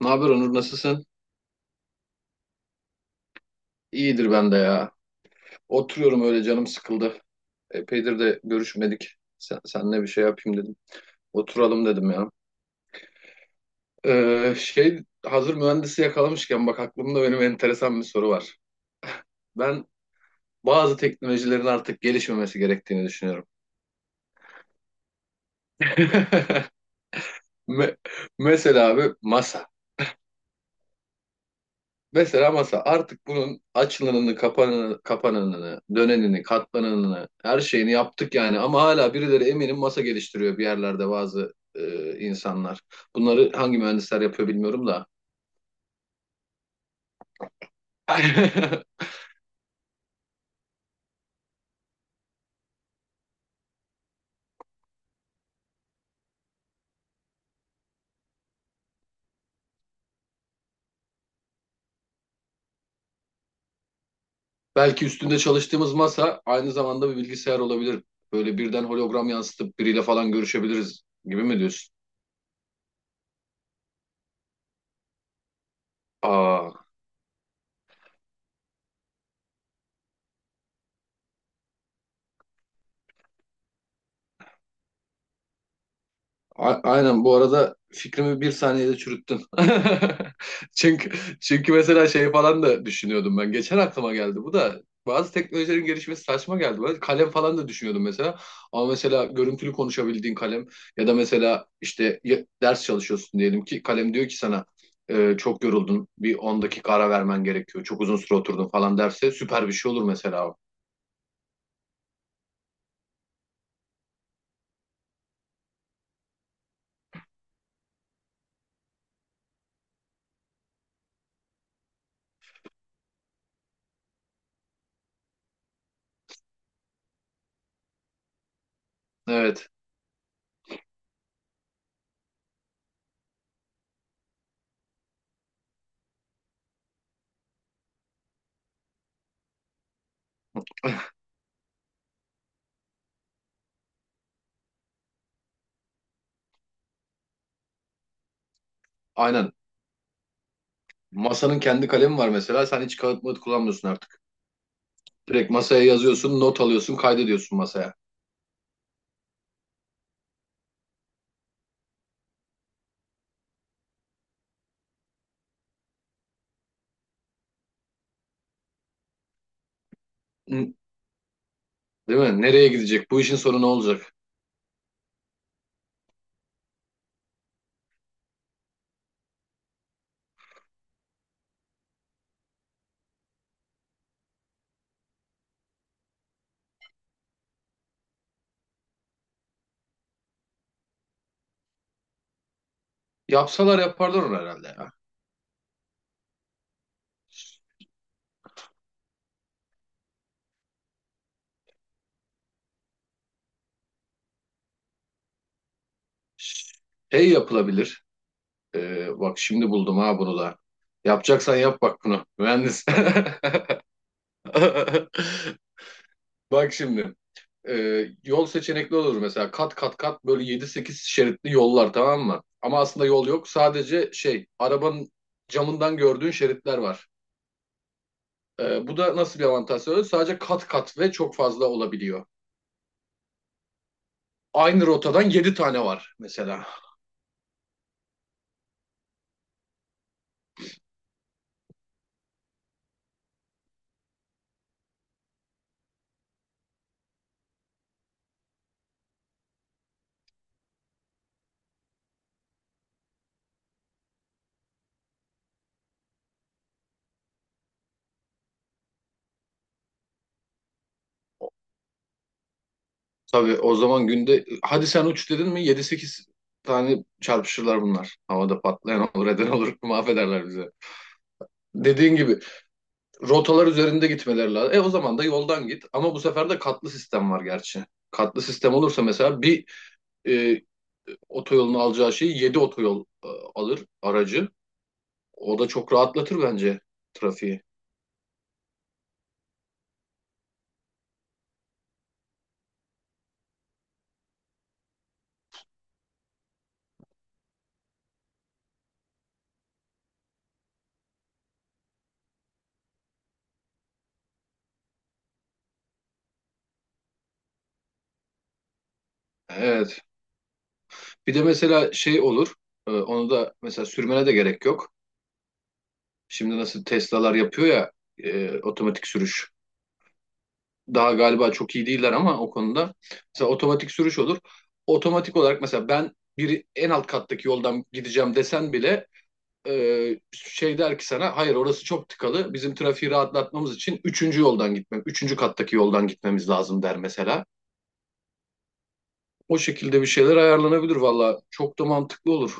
Ne haber Onur, nasılsın? İyidir ben de ya. Oturuyorum, öyle canım sıkıldı. Epeydir de görüşmedik. Senle bir şey yapayım dedim. Oturalım dedim ya. Şey hazır mühendisi yakalamışken bak, aklımda benim enteresan bir soru var. Ben bazı teknolojilerin artık gelişmemesi gerektiğini düşünüyorum. Me- Mesela abi masa. Mesela masa artık bunun açılanını, kapanını, kapananını, dönenini, katlananını, her şeyini yaptık yani. Ama hala birileri eminim masa geliştiriyor bir yerlerde bazı insanlar. Bunları hangi mühendisler yapıyor bilmiyorum da. Belki üstünde çalıştığımız masa aynı zamanda bir bilgisayar olabilir. Böyle birden hologram yansıtıp biriyle falan görüşebiliriz gibi mi diyorsun? Aa. Aynen, bu arada fikrimi bir saniyede çürüttün. Çünkü çünkü mesela şey falan da düşünüyordum ben. Geçen aklıma geldi bu da. Bazı teknolojilerin gelişmesi saçma geldi bana. Kalem falan da düşünüyordum mesela. Ama mesela görüntülü konuşabildiğin kalem, ya da mesela işte ders çalışıyorsun diyelim, ki kalem diyor ki sana, Çok yoruldun. Bir 10 dakika ara vermen gerekiyor. Çok uzun süre oturdun" falan derse süper bir şey olur mesela. O. Evet. Aynen. Masanın kendi kalemi var mesela. Sen hiç kağıt mağıt kullanmıyorsun artık. Direkt masaya yazıyorsun, not alıyorsun, kaydediyorsun masaya. Hı. Değil mi? Nereye gidecek? Bu işin sonu ne olacak? Yapsalar yaparlar onu herhalde ya. Şey yapılabilir. Bak şimdi buldum ha bunu da. Yapacaksan yap bak bunu. Mühendis. Bak şimdi. Yol seçenekli olur mesela. Kat kat kat böyle yedi sekiz şeritli yollar, tamam mı? Ama aslında yol yok. Sadece şey arabanın camından gördüğün şeritler var. Bu da nasıl bir avantaj sağlıyor? Sadece kat kat ve çok fazla olabiliyor. Aynı rotadan 7 tane var mesela. Tabii o zaman, günde hadi sen uç dedin mi, yedi sekiz tane çarpışırlar bunlar. Havada patlayan olur, eden olur, mahvederler bizi. Dediğin gibi rotalar üzerinde gitmeleri lazım. E o zaman da yoldan git, ama bu sefer de katlı sistem var gerçi. Katlı sistem olursa mesela bir e, otoyolun alacağı şeyi 7 otoyol alır aracı. O da çok rahatlatır bence trafiği. Evet. Bir de mesela şey olur. Onu da mesela sürmene de gerek yok. Şimdi nasıl Tesla'lar yapıyor ya, otomatik sürüş. Daha galiba çok iyi değiller ama o konuda. Mesela otomatik sürüş olur. Otomatik olarak mesela, ben bir en alt kattaki yoldan gideceğim desen bile e, şey der ki sana, hayır orası çok tıkalı. Bizim trafiği rahatlatmamız için üçüncü yoldan gitmem, üçüncü kattaki yoldan gitmemiz lazım der mesela. O şekilde bir şeyler ayarlanabilir valla. Çok da mantıklı olur.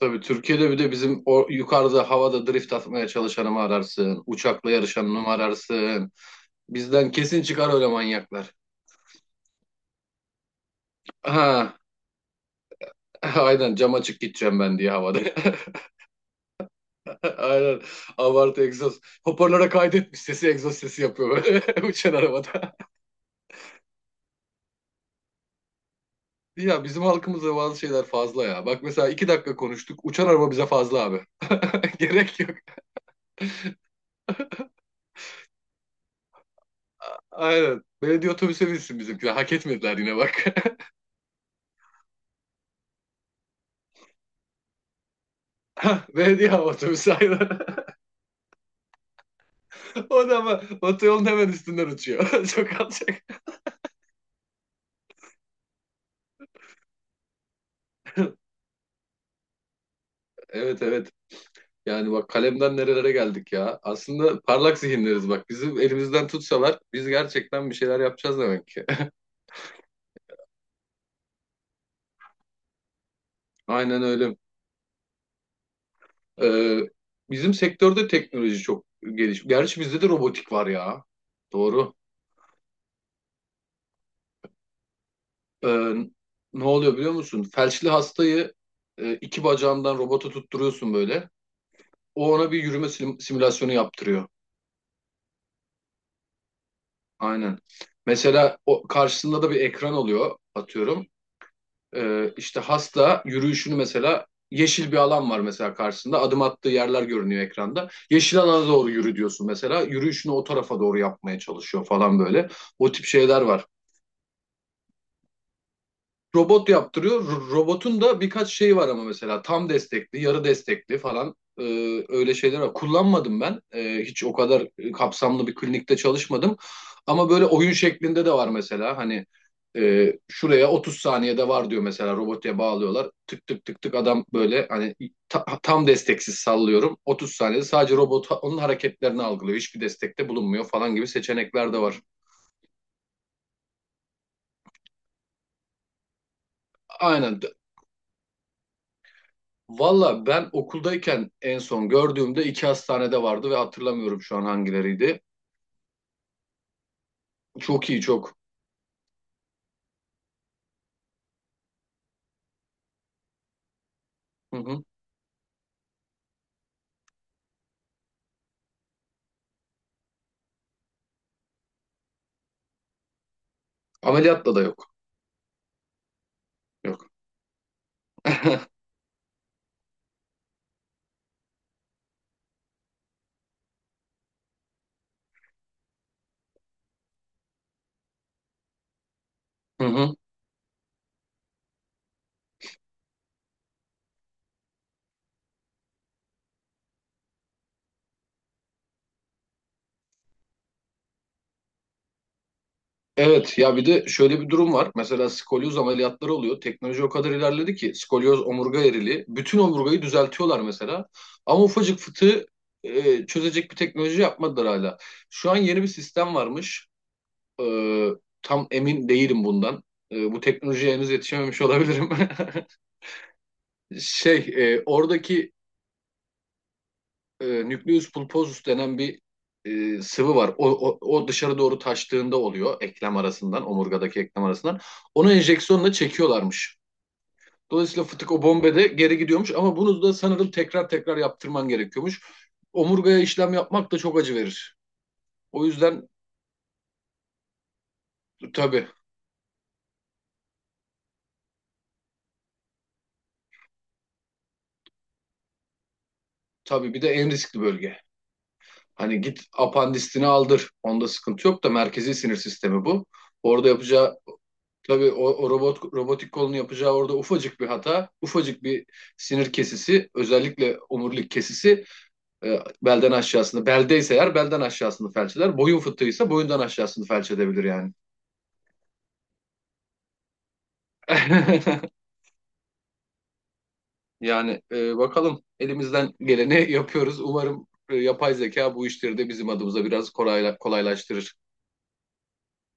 Tabii Türkiye'de, bir de bizim o yukarıda havada drift atmaya çalışanı mı ararsın? Uçakla yarışanı mı ararsın? Bizden kesin çıkar öyle manyaklar. Ha, aynen, cam açık gideceğim ben diye havada. Aynen, abartı egzoz. Hoparlöre kaydetmiş sesi, egzoz sesi yapıyor böyle uçan arabada. Ya bizim halkımızda bazı şeyler fazla ya. Bak mesela 2 dakika konuştuk, uçan araba bize fazla abi. Gerek yok. Aynen. Belediye otobüse binsin bizimkiler. Hak etmediler yine bak. Ha, Belediye hava otobüsü aynen. O da ama otoyolun hemen üstünden uçuyor. Çok alçak. Evet, evet. Yani bak, kalemden nerelere geldik ya. Aslında parlak zihinleriz bak. Bizim elimizden tutsalar biz gerçekten bir şeyler yapacağız demek ki. Aynen öyle. Ee, bizim sektörde teknoloji çok geliş. Gerçi bizde de robotik var ya. Doğru. Ee, ne oluyor biliyor musun? Felçli hastayı iki bacağından robota tutturuyorsun böyle. O ona bir yürüme simülasyonu yaptırıyor. Aynen. Mesela o karşısında da bir ekran oluyor atıyorum. İşte hasta yürüyüşünü mesela, yeşil bir alan var mesela karşısında. Adım attığı yerler görünüyor ekranda. Yeşil alana doğru yürü diyorsun mesela. Yürüyüşünü o tarafa doğru yapmaya çalışıyor falan böyle. O tip şeyler var, robot yaptırıyor. Robotun da birkaç şeyi var, ama mesela tam destekli, yarı destekli falan, öyle şeyler var. Kullanmadım ben. Hiç o kadar kapsamlı bir klinikte çalışmadım. Ama böyle oyun şeklinde de var mesela. Hani şuraya 30 saniyede var diyor mesela, robotuya bağlıyorlar. Tık tık tık tık adam böyle hani tam desteksiz sallıyorum. 30 saniyede sadece robot onun hareketlerini algılıyor. Hiçbir destekte bulunmuyor falan gibi seçenekler de var. Aynen. Valla ben okuldayken en son gördüğümde iki hastanede vardı, ve hatırlamıyorum şu an hangileriydi. Çok iyi, çok. Hı hı. Ameliyatla da yok. Yok. Hı hı. Evet ya, bir de şöyle bir durum var. Mesela skolyoz ameliyatları oluyor. Teknoloji o kadar ilerledi ki, skolyoz omurga erili. Bütün omurgayı düzeltiyorlar mesela. Ama ufacık fıtığı çözecek bir teknoloji yapmadılar hala. Şu an yeni bir sistem varmış. E, Tam emin değilim bundan. Bu teknolojiye henüz yetişememiş olabilirim. Şey, Oradaki nucleus pulposus denen bir sıvı var. O dışarı doğru taştığında oluyor, eklem arasından, omurgadaki eklem arasından. Onu enjeksiyonla çekiyorlarmış. Dolayısıyla fıtık o bombede geri gidiyormuş, ama bunu da sanırım tekrar tekrar yaptırman gerekiyormuş. Omurgaya işlem yapmak da çok acı verir. O yüzden tabii, tabii bir de en riskli bölge. Hani git apandisini aldır. Onda sıkıntı yok da, merkezi sinir sistemi bu. Orada yapacağı Tabii o robotik kolunu yapacağı orada ufacık bir hata, ufacık bir sinir kesisi, özellikle omurilik kesisi belden aşağısını, beldeyse eğer belden aşağısını felç eder, boyun fıtığıysa boyundan aşağısını felç edebilir yani. Yani bakalım, elimizden geleni yapıyoruz. Umarım yapay zeka bu işleri de bizim adımıza biraz kolaylaştırır.